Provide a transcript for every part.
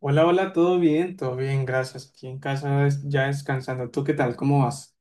Hola, hola, ¿todo bien? Todo bien, gracias. Aquí en casa ya descansando. ¿Tú qué tal? ¿Cómo vas?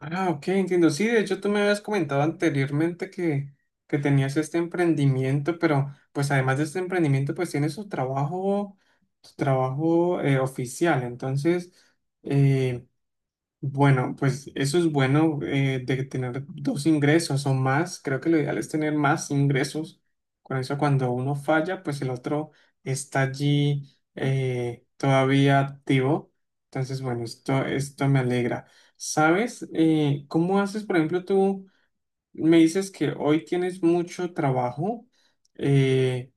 Ah, ok, entiendo. Sí, de hecho tú me habías comentado anteriormente que tenías este emprendimiento, pero pues además de este emprendimiento, pues tienes tu trabajo oficial. Entonces, eh, bueno, pues eso es bueno, de tener dos ingresos o más. Creo que lo ideal es tener más ingresos. Con eso, cuando uno falla, pues el otro está allí, todavía activo. Entonces, bueno, esto me alegra. ¿Sabes, cómo haces? Por ejemplo, tú me dices que hoy tienes mucho trabajo. eh,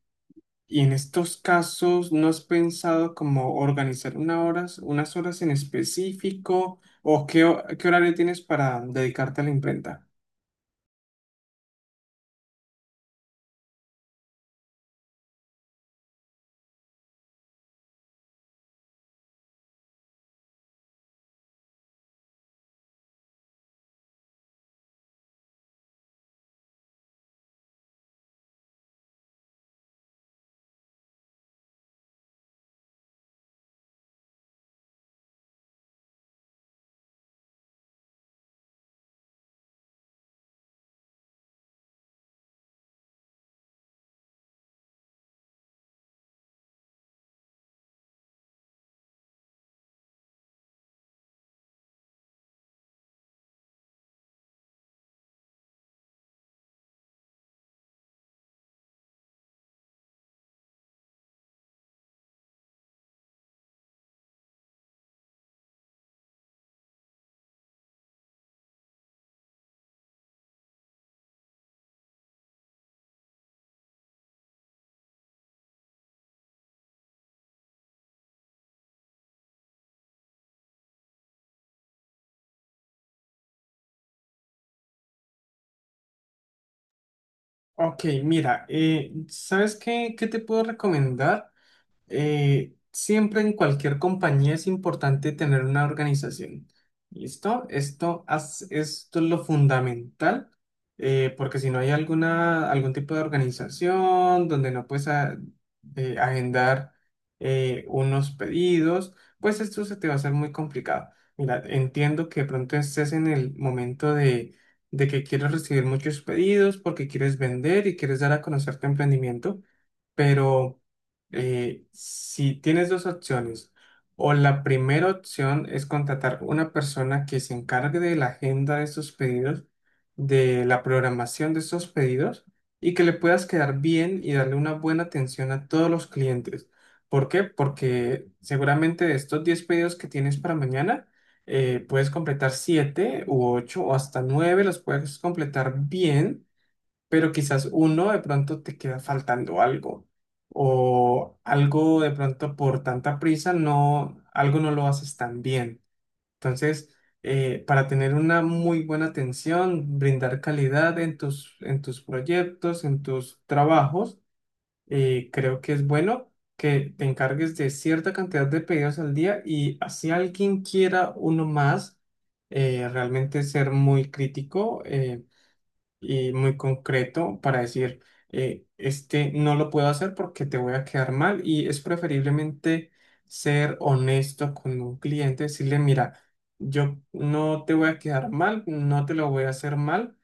y en estos casos, ¿no has pensado como organizar una horas, unas horas en específico o qué horario tienes para dedicarte a la imprenta? Ok, mira, ¿sabes qué te puedo recomendar? Siempre en cualquier compañía es importante tener una organización. ¿Listo? Esto, esto es lo fundamental, porque si no hay alguna, algún tipo de organización donde no puedes agendar unos pedidos, pues esto se te va a hacer muy complicado. Mira, entiendo que de pronto estés en el momento de que quieres recibir muchos pedidos porque quieres vender y quieres dar a conocer tu emprendimiento. Pero si tienes dos opciones, o la primera opción es contratar una persona que se encargue de la agenda de estos pedidos, de la programación de estos pedidos, y que le puedas quedar bien y darle una buena atención a todos los clientes. ¿Por qué? Porque seguramente de estos 10 pedidos que tienes para mañana, puedes completar 7 u ocho, o hasta 9 los puedes completar bien, pero quizás uno de pronto te queda faltando algo, o algo de pronto por tanta prisa no, algo no lo haces tan bien. Entonces, para tener una muy buena atención, brindar calidad en en tus proyectos, en tus trabajos, creo que es bueno que te encargues de cierta cantidad de pedidos al día, y así alguien quiera uno más, realmente ser muy crítico. Y muy concreto para decir, este no lo puedo hacer porque te voy a quedar mal, y es preferiblemente ser honesto con un cliente, decirle, mira, yo no te voy a quedar mal, no te lo voy a hacer mal,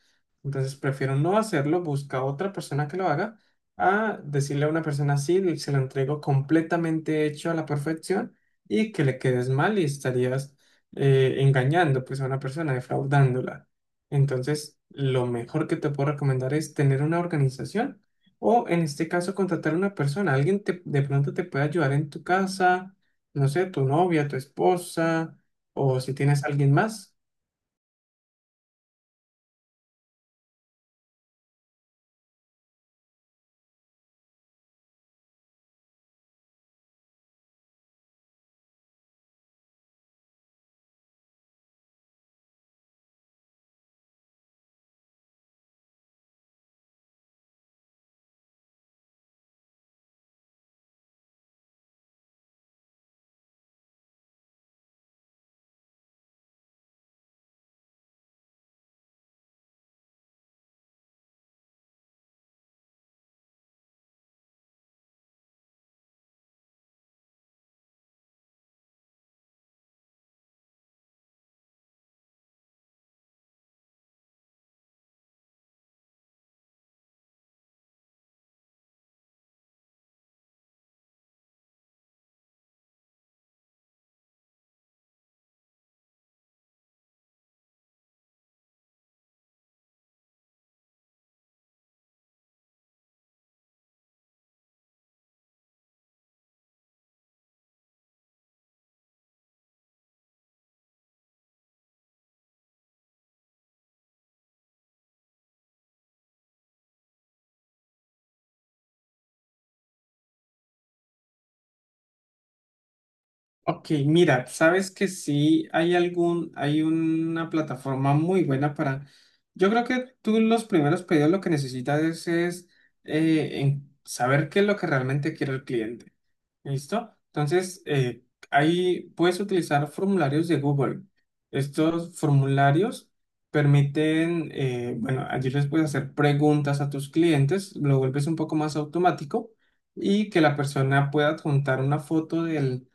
entonces prefiero no hacerlo, busca otra persona que lo haga, a decirle a una persona así, se lo entrego completamente hecho a la perfección y que le quedes mal, y estarías engañando pues a una persona, defraudándola. Entonces, lo mejor que te puedo recomendar es tener una organización, o en este caso contratar a una persona. Alguien de pronto te puede ayudar en tu casa, no sé, tu novia, tu esposa, o si tienes alguien más. Ok, mira, sabes que sí hay algún, hay una plataforma muy buena para, yo creo que tú los primeros pedidos lo que necesitas es, en saber qué es lo que realmente quiere el cliente. ¿Listo? Entonces, ahí puedes utilizar formularios de Google. Estos formularios permiten, bueno, allí les puedes hacer preguntas a tus clientes, lo vuelves un poco más automático, y que la persona pueda adjuntar una foto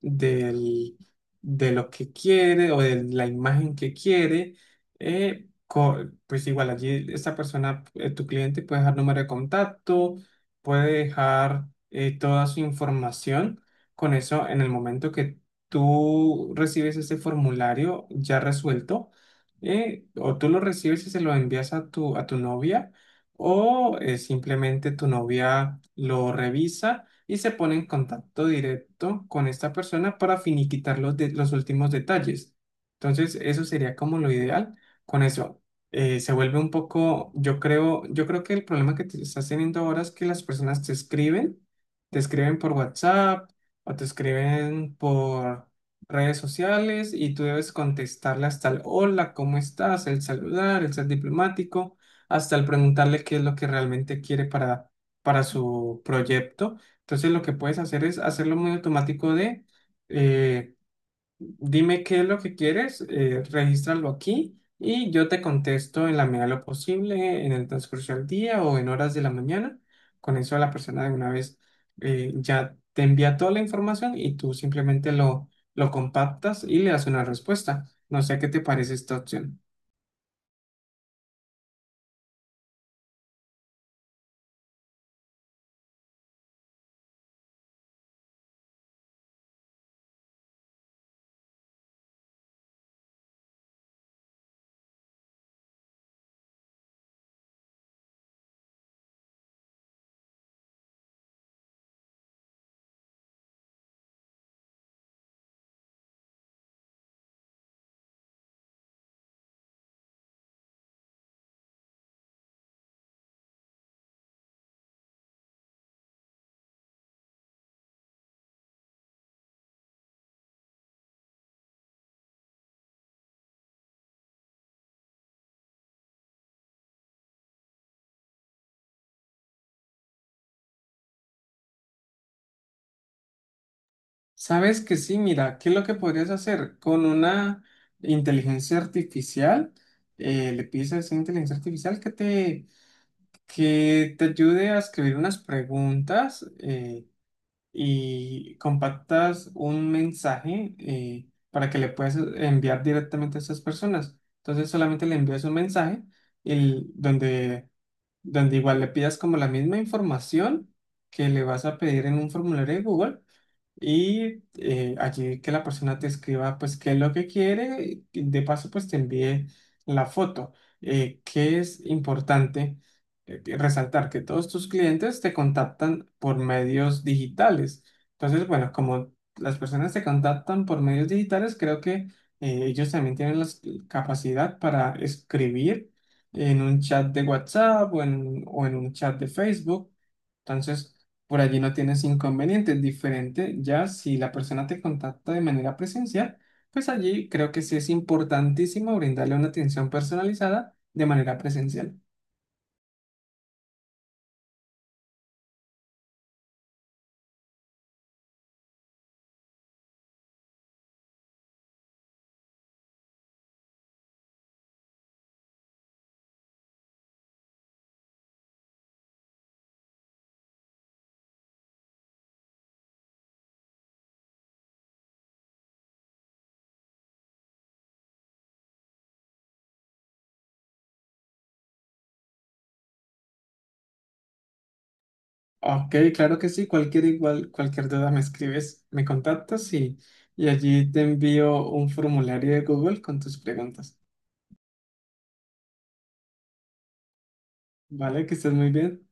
del- de lo que quiere, o de la imagen que quiere. eh, co- pues igual allí esta persona, tu cliente puede dejar número de contacto, puede dejar, toda su información. Con eso, en el momento que tú recibes ese formulario ya resuelto, o tú lo recibes y se lo envías a a tu novia, o simplemente tu novia lo revisa y se pone en contacto directo con esta persona para finiquitar los últimos detalles. Entonces, eso sería como lo ideal. Con eso, se vuelve un poco, yo creo que el problema que te estás teniendo ahora es que las personas te escriben por WhatsApp, o te escriben por redes sociales, y tú debes contestarle hasta el hola, ¿cómo estás? El saludar, el ser diplomático, hasta el preguntarle qué es lo que realmente quiere para su proyecto. Entonces lo que puedes hacer es hacerlo muy automático eh, dime qué es lo que quieres, regístralo aquí y yo te contesto en la medida de lo posible, en el transcurso del día o en horas de la mañana. Con eso la persona de una vez, ya te envía toda la información y tú simplemente lo compactas y le das una respuesta. No sé qué te parece esta opción. Sabes que sí, mira, ¿qué es lo que podrías hacer? Con una inteligencia artificial, le pides a esa inteligencia artificial que te ayude a escribir unas preguntas, y compactas un mensaje, para que le puedas enviar directamente a esas personas. Entonces solamente le envías un mensaje el- donde, donde igual le pidas como la misma información que le vas a pedir en un formulario de Google, y allí que la persona te escriba, pues, qué es lo que quiere, y de paso, pues, te envíe la foto. ¿Qué es importante que resaltar? Que todos tus clientes te contactan por medios digitales. Entonces, bueno, como las personas te contactan por medios digitales, creo que, ellos también tienen la capacidad para escribir en un chat de WhatsApp, o en un chat de Facebook. Entonces, por allí no tienes inconvenientes. Diferente ya si la persona te contacta de manera presencial, pues allí creo que sí es importantísimo brindarle una atención personalizada de manera presencial. Ok, claro que sí. Cualquier igual, cualquier duda me escribes, me contactas, y allí te envío un formulario de Google con tus preguntas. Vale, que estés muy bien.